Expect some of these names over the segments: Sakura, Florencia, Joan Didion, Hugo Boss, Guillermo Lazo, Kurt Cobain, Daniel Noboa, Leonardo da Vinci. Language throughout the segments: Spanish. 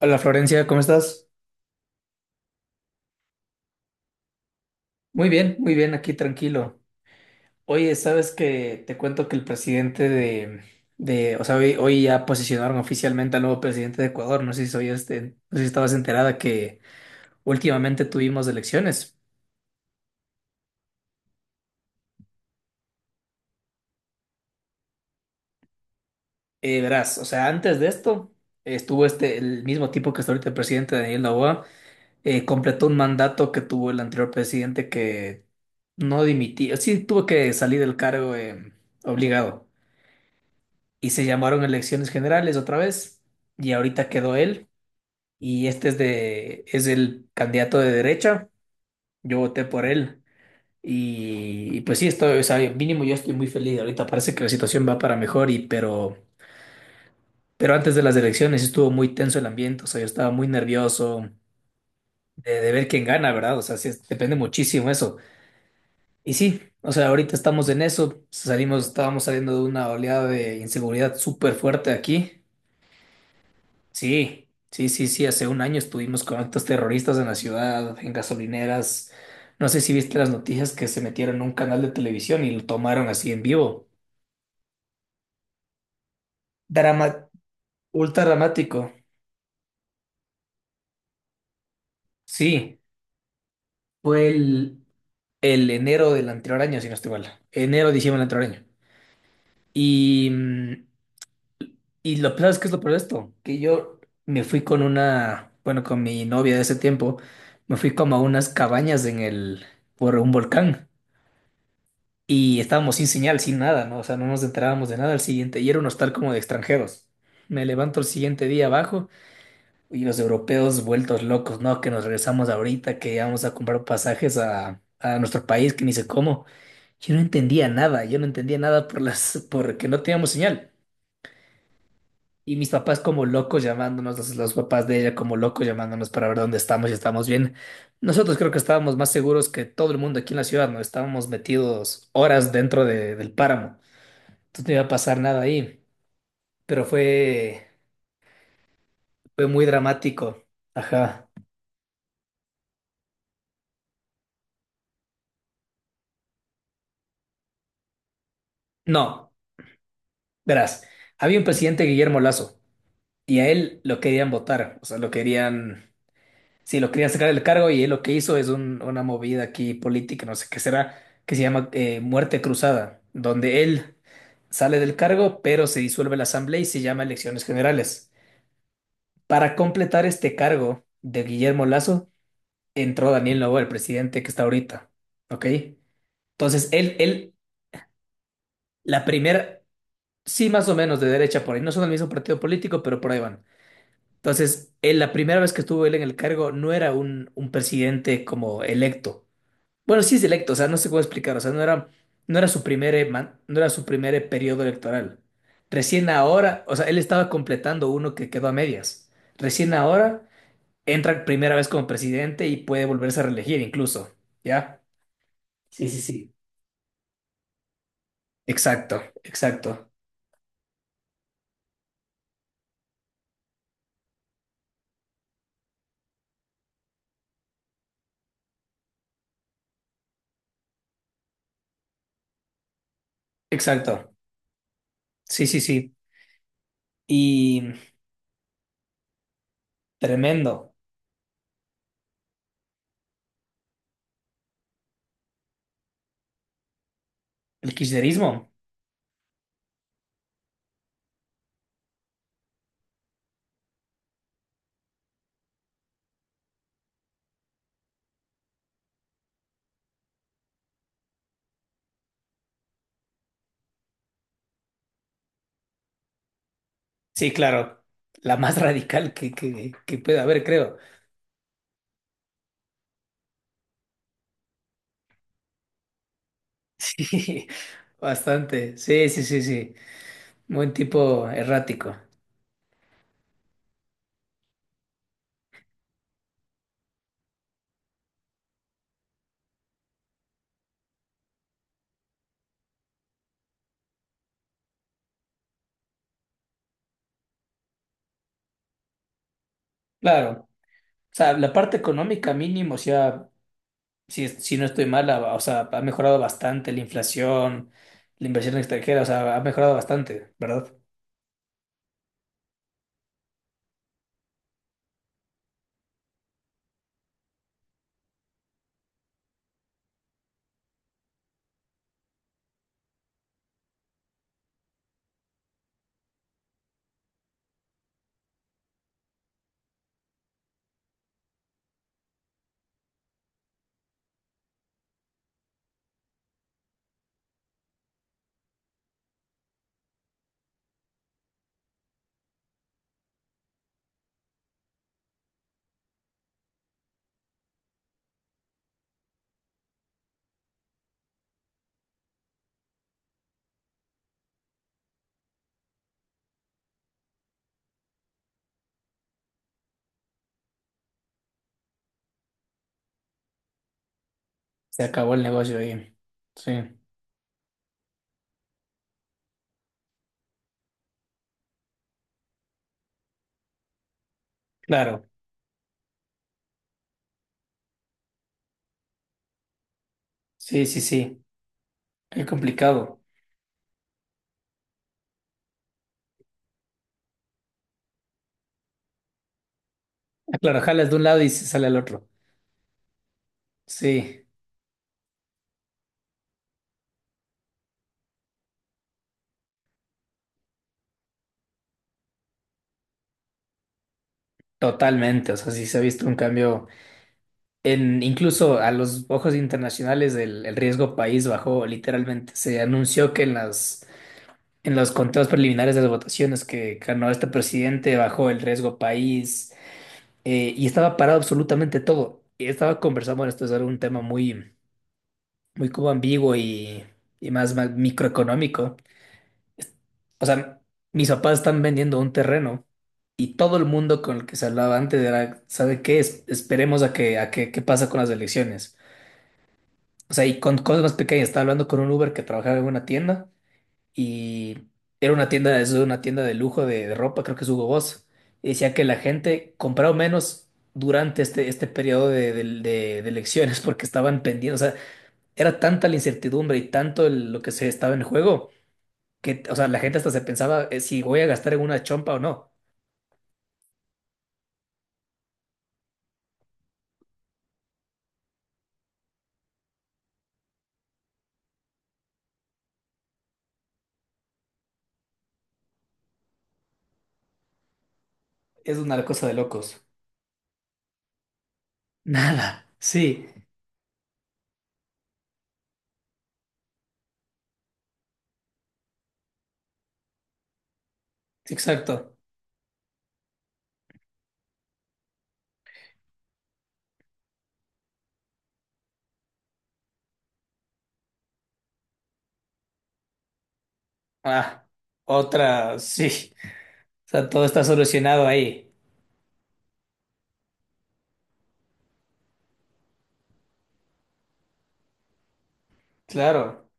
Hola Florencia, ¿cómo estás? Muy bien, aquí tranquilo. Oye, sabes que te cuento que el presidente de, hoy, ya posicionaron oficialmente al nuevo presidente de Ecuador. No sé si soy no sé si estabas enterada que últimamente tuvimos elecciones. Verás, o sea, antes de esto estuvo el mismo tipo que está ahorita, el presidente Daniel Noboa, completó un mandato que tuvo el anterior presidente, que no dimitía, sí tuvo que salir del cargo obligado. Y se llamaron elecciones generales otra vez y ahorita quedó él, y este es de es el candidato de derecha. Yo voté por él, y, pues sí estoy, o sea, mínimo yo estoy muy feliz. Ahorita parece que la situación va para mejor, pero antes de las elecciones estuvo muy tenso el ambiente, o sea, yo estaba muy nervioso de ver quién gana, ¿verdad? O sea, sí depende muchísimo eso. Y sí, o sea, ahorita estamos en eso, salimos, estábamos saliendo de una oleada de inseguridad súper fuerte aquí. Sí, sí, sí, sí. Hace un año estuvimos con actos terroristas en la ciudad, en gasolineras. No sé si viste las noticias, que se metieron en un canal de televisión y lo tomaron así en vivo. Drama, ultra dramático. Sí, fue el enero del anterior año, si no estoy mal. Enero, diciembre del anterior año. Y, mm, y lo peor es que es lo peor de esto, que yo me fui con una, bueno, con mi novia de ese tiempo, me fui como a unas cabañas por un volcán. Y estábamos sin señal, sin nada, ¿no? O sea, no nos enterábamos de nada al siguiente. Y era un hostal como de extranjeros. Me levanto el siguiente día abajo y los europeos vueltos locos, ¿no? Que nos regresamos ahorita, que vamos a comprar pasajes a nuestro país, que ni sé cómo. Yo no entendía nada, yo no entendía nada por porque no teníamos señal. Y mis papás como locos llamándonos, los papás de ella como locos llamándonos para ver dónde estamos y estamos bien. Nosotros creo que estábamos más seguros que todo el mundo aquí en la ciudad, ¿no? Estábamos metidos horas del páramo. Entonces no iba a pasar nada ahí, pero fue muy dramático. Ajá. No, verás, había un presidente Guillermo Lazo y a él lo querían votar, o sea, sí, lo querían sacar del cargo, y él lo que hizo es una movida aquí política, no sé qué será, que se llama muerte cruzada, donde él sale del cargo, pero se disuelve la asamblea y se llama elecciones generales. Para completar este cargo de Guillermo Lazo, entró Daniel Noboa, el presidente que está ahorita, ¿ok? Entonces, la primera, sí, más o menos de derecha por ahí, no son del mismo partido político, pero por ahí van. Entonces, él, la primera vez que estuvo él en el cargo, no era un presidente como electo. Bueno, sí es electo, o sea, no sé cómo explicar, o sea, no era su primer, no era su primer periodo electoral. Recién ahora, o sea, él estaba completando uno que quedó a medias. Recién ahora entra primera vez como presidente y puede volverse a reelegir incluso, ¿ya? Sí, sí, sí. Exacto, exacto, exacto. Sí, sí, sí. Y tremendo. El kirchnerismo. Sí, claro. La más radical que pueda haber, creo. Sí, bastante. Sí, sí, sí, sí. Buen tipo errático. Claro. O sea, la parte económica mínimo, o sea, si no estoy mal, o sea, ha mejorado bastante la inflación, la inversión extranjera, o sea, ha mejorado bastante, ¿verdad? Se acabó el negocio ahí. Sí, claro. Sí, sí, sí. Qué complicado. Claro, jalas de un lado y se sale al otro. Sí, totalmente. O sea, sí se ha visto un cambio en, incluso a los ojos internacionales, el riesgo país bajó literalmente. Se anunció que en las en los conteos preliminares de las votaciones que ganó este presidente bajó el riesgo país, y estaba parado absolutamente todo. Y estaba conversando, bueno, esto es un tema muy como ambiguo y, más microeconómico. O sea, mis papás están vendiendo un terreno y todo el mundo con el que se hablaba antes era, ¿sabe qué? Esperemos a qué pasa con las elecciones. O sea, y con cosas más pequeñas. Estaba hablando con un Uber que trabajaba en una tienda y era una tienda, es una tienda de lujo de ropa, creo que es Hugo Boss. Y decía que la gente compraba menos durante este periodo de elecciones porque estaban pendientes. O sea, era tanta la incertidumbre y tanto lo que se estaba en juego que, o sea, la gente hasta se pensaba si voy a gastar en una chompa o no. Es una cosa de locos. Nada, sí, exacto. Ah, otra, sí. O sea, todo está solucionado ahí. Claro.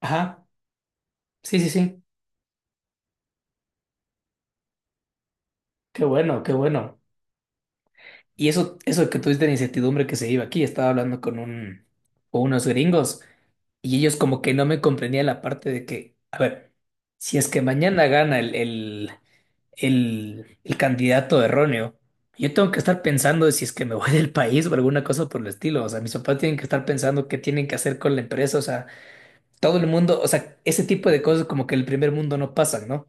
Ajá. Sí, sí, sí. Qué bueno, qué bueno. Y eso que tuviste la incertidumbre que se iba aquí, estaba hablando con con unos gringos, y ellos como que no me comprendían la parte de que, a ver, si es que mañana gana el candidato erróneo. Yo tengo que estar pensando si es que me voy del país o alguna cosa por el estilo. O sea, mis papás tienen que estar pensando qué tienen que hacer con la empresa. O sea, todo el mundo, o sea, ese tipo de cosas como que en el primer mundo no pasan, ¿no?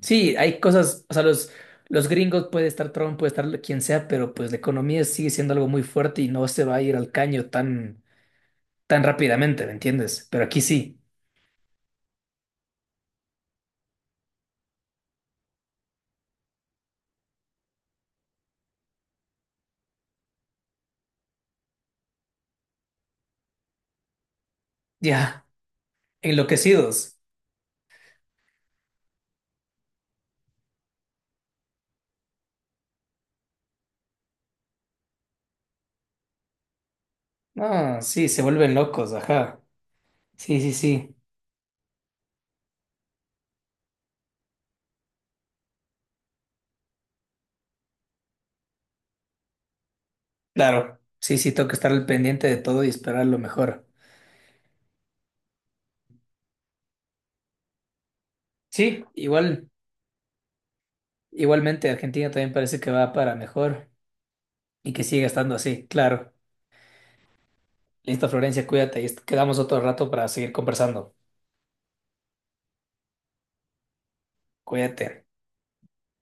Sí, hay cosas, o sea, los gringos, puede estar Trump, puede estar quien sea, pero pues la economía sigue siendo algo muy fuerte y no se va a ir al caño tan rápidamente, ¿me entiendes? Pero aquí sí, ya, enloquecidos. Ah, sí, se vuelven locos, ajá. Sí, sí, sí. Claro, sí, sí, tengo que estar al pendiente de todo y esperar lo mejor. Sí, igual, igualmente Argentina también parece que va para mejor y que siga estando así, claro. Listo, Florencia, cuídate y quedamos otro rato para seguir conversando. Cuídate.